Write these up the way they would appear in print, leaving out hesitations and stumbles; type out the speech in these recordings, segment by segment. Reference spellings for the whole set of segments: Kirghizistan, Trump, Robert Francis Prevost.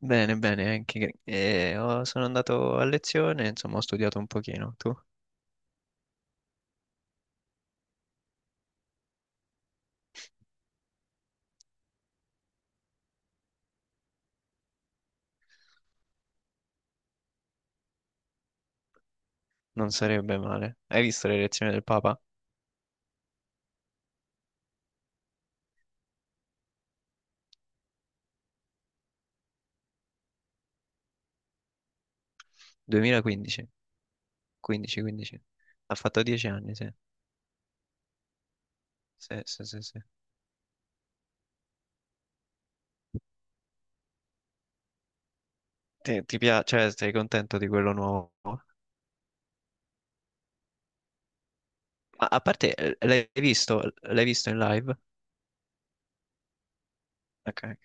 Bene, bene, anche sono andato a lezione, insomma ho studiato un pochino, tu? Non sarebbe male. Hai visto le lezioni del Papa? 2015, 15, 15. Ha fatto 10 anni, sì. Sì, sì, sì, sì. Ti piace, cioè sei contento di quello nuovo? A parte, l'hai visto? L'hai visto in live? Ok, ok.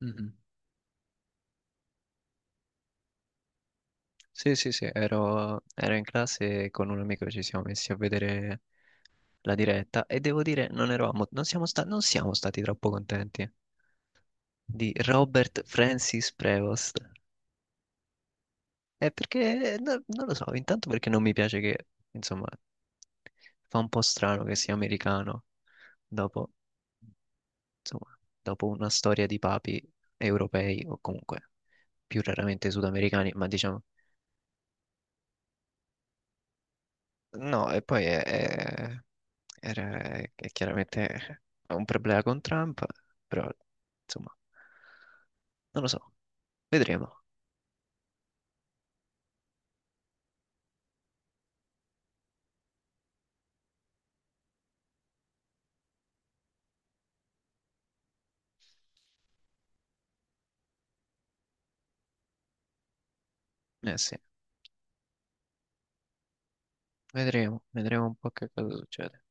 Mhm. Sì, sì, sì, ero in classe e con un amico ci siamo messi a vedere la diretta e devo dire non eravamo, non siamo stati troppo contenti. Di Robert Francis Prevost. È perché, non lo so, intanto perché non mi piace che, insomma, fa un po' strano che sia americano dopo, insomma, dopo una storia di papi europei o comunque più raramente sudamericani, ma diciamo... No, e poi era- è chiaramente un problema con Trump, però, insomma, non lo so, vedremo. Eh sì. Vedremo, vedremo un po' che cosa succede.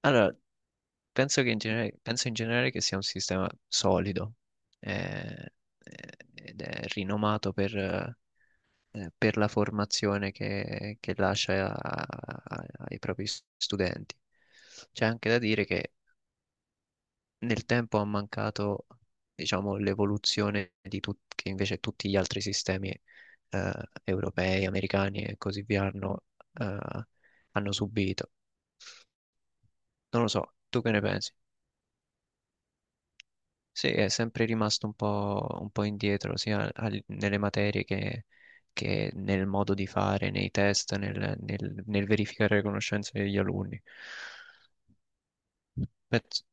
Allora, penso in generale che sia un sistema solido, eh, ed è rinomato per la formazione che lascia ai propri studenti. C'è anche da dire che nel tempo ha mancato, diciamo, l'evoluzione di che invece tutti gli altri sistemi, eh, europei, americani e così via hanno, eh, hanno subito. Non lo so, tu che ne pensi? Sì, è sempre rimasto un po' indietro, sia nelle materie che nel modo di fare, nei test, nel verificare le conoscenze degli alunni. Penso-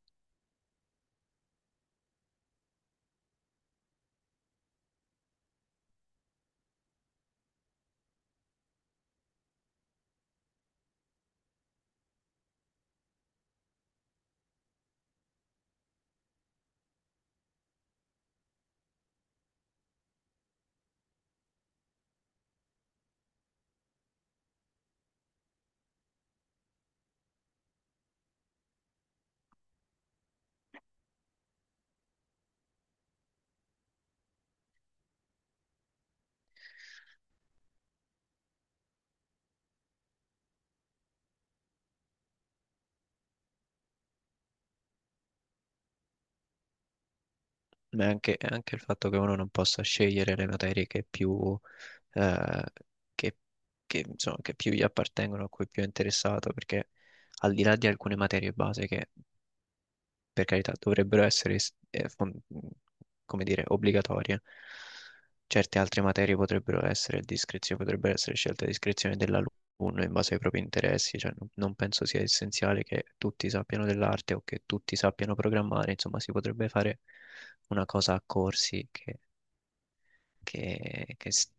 Ma è anche il fatto che uno non possa scegliere le materie che più, eh, che, insomma, che più gli appartengono, a cui è più interessato, perché al di là di alcune materie base che per carità, dovrebbero essere, come dire, obbligatorie. Certe altre materie potrebbero essere a discrezione, potrebbero essere scelte a discrezione dell'alunno in base ai propri interessi, cioè non, non penso sia essenziale che tutti sappiano dell'arte o che tutti sappiano programmare, insomma, si potrebbe fare una cosa a corsi che.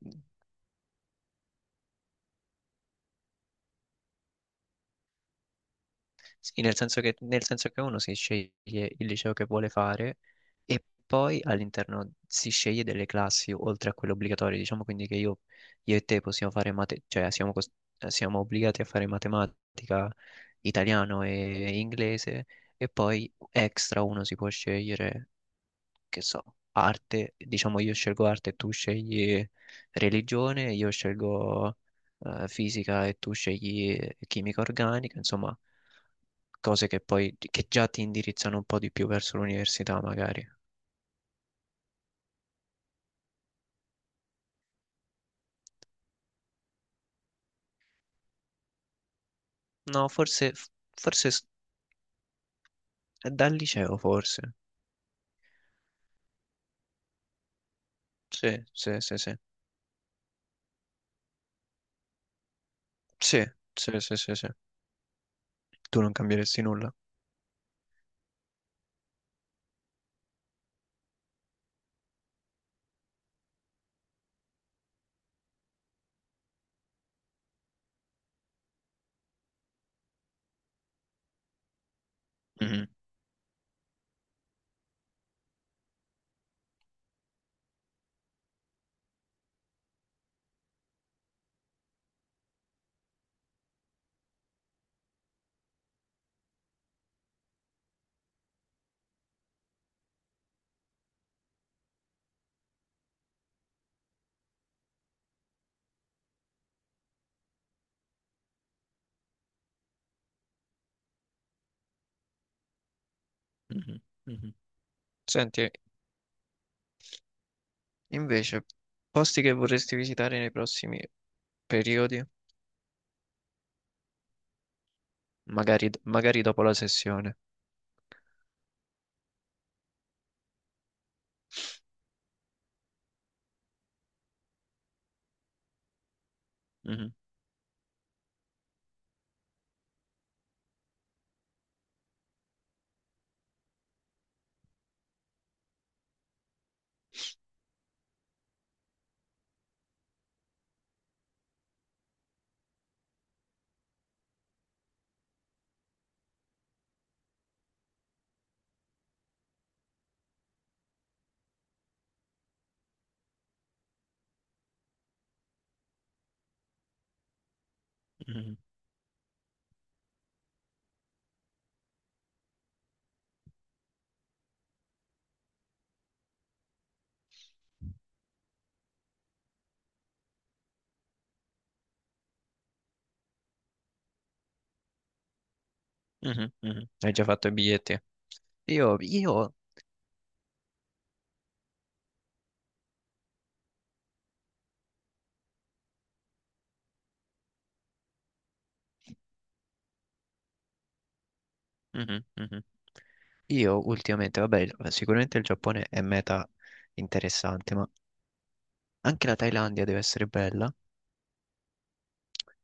Sì, nel senso che uno si sceglie il liceo che vuole fare e poi all'interno si sceglie delle classi oltre a quelle obbligatorie. Diciamo quindi che io e te possiamo fare mate- cioè siamo, cos- siamo obbligati a fare matematica, italiano e inglese e poi extra uno si può scegliere che so, arte, diciamo io scelgo arte e tu scegli religione, io scelgo, fisica e tu scegli chimica organica, insomma, cose che già ti indirizzano un po' di più verso l'università, magari. No, forse, forse s- dal liceo, forse. Sì, sì, sì, sì. Sì, sì, sì, sì, sì. Tu non cambieresti nulla. Mhm, mhm, mhm. Senti, invece, posti che vorresti visitare nei prossimi periodi? Magari, magari dopo la sessione. Mhm, mhm, mhm, mhm. Hai già fatto i biglietti? Io, mhm, mhm. Io ultimamente, vabbè, sicuramente il Giappone è meta interessante, ma anche la Thailandia deve essere bella.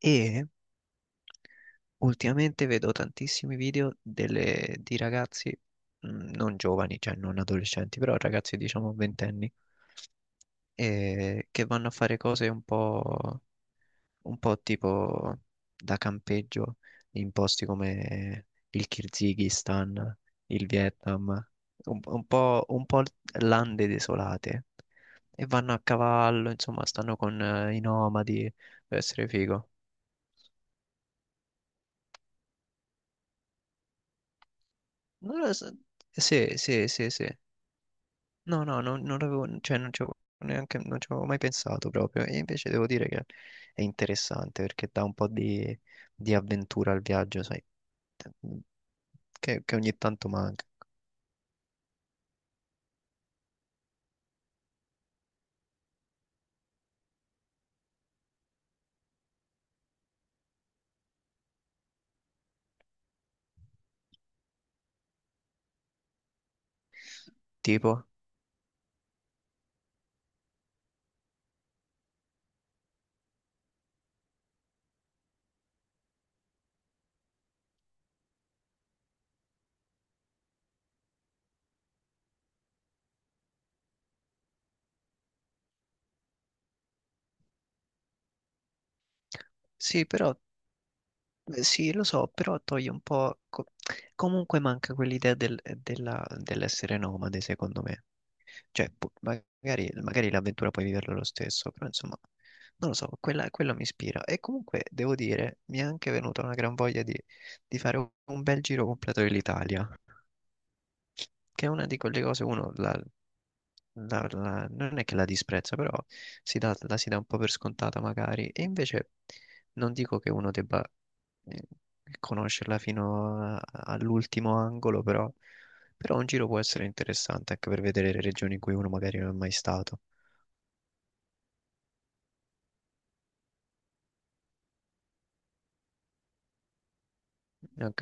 E ultimamente vedo tantissimi video di ragazzi, non giovani, cioè non adolescenti, però ragazzi diciamo ventenni, che vanno a fare cose un po'. Un po' tipo da campeggio in posti come il Kirghizistan, il Vietnam, un po' lande desolate. E vanno a cavallo, insomma, stanno con i nomadi, deve essere figo. Non lo so. Sì, sì, sì, sì. No, no, non l'avevo, cioè, non ci avevo neanche, non ci avevo mai pensato proprio. E invece devo dire che è interessante perché dà un po' di avventura al viaggio, sai, che ogni tanto manca. Tipo, sì, però, sì, lo so, però toglie un po'... comunque manca quell'idea dell'essere nomade, secondo me. Cioè, magari, magari l'avventura puoi viverla lo stesso, però insomma, non lo so, quello mi ispira. E comunque, devo dire, mi è anche venuta una gran voglia di fare un bel giro completo dell'Italia. Che è una di quelle cose uno non è che la disprezza, però la si dà un po' per scontata magari, e invece non dico che uno debba, eh, conoscerla all'ultimo angolo, però, però un giro può essere interessante anche per vedere le regioni in cui uno magari non è mai stato. Ok.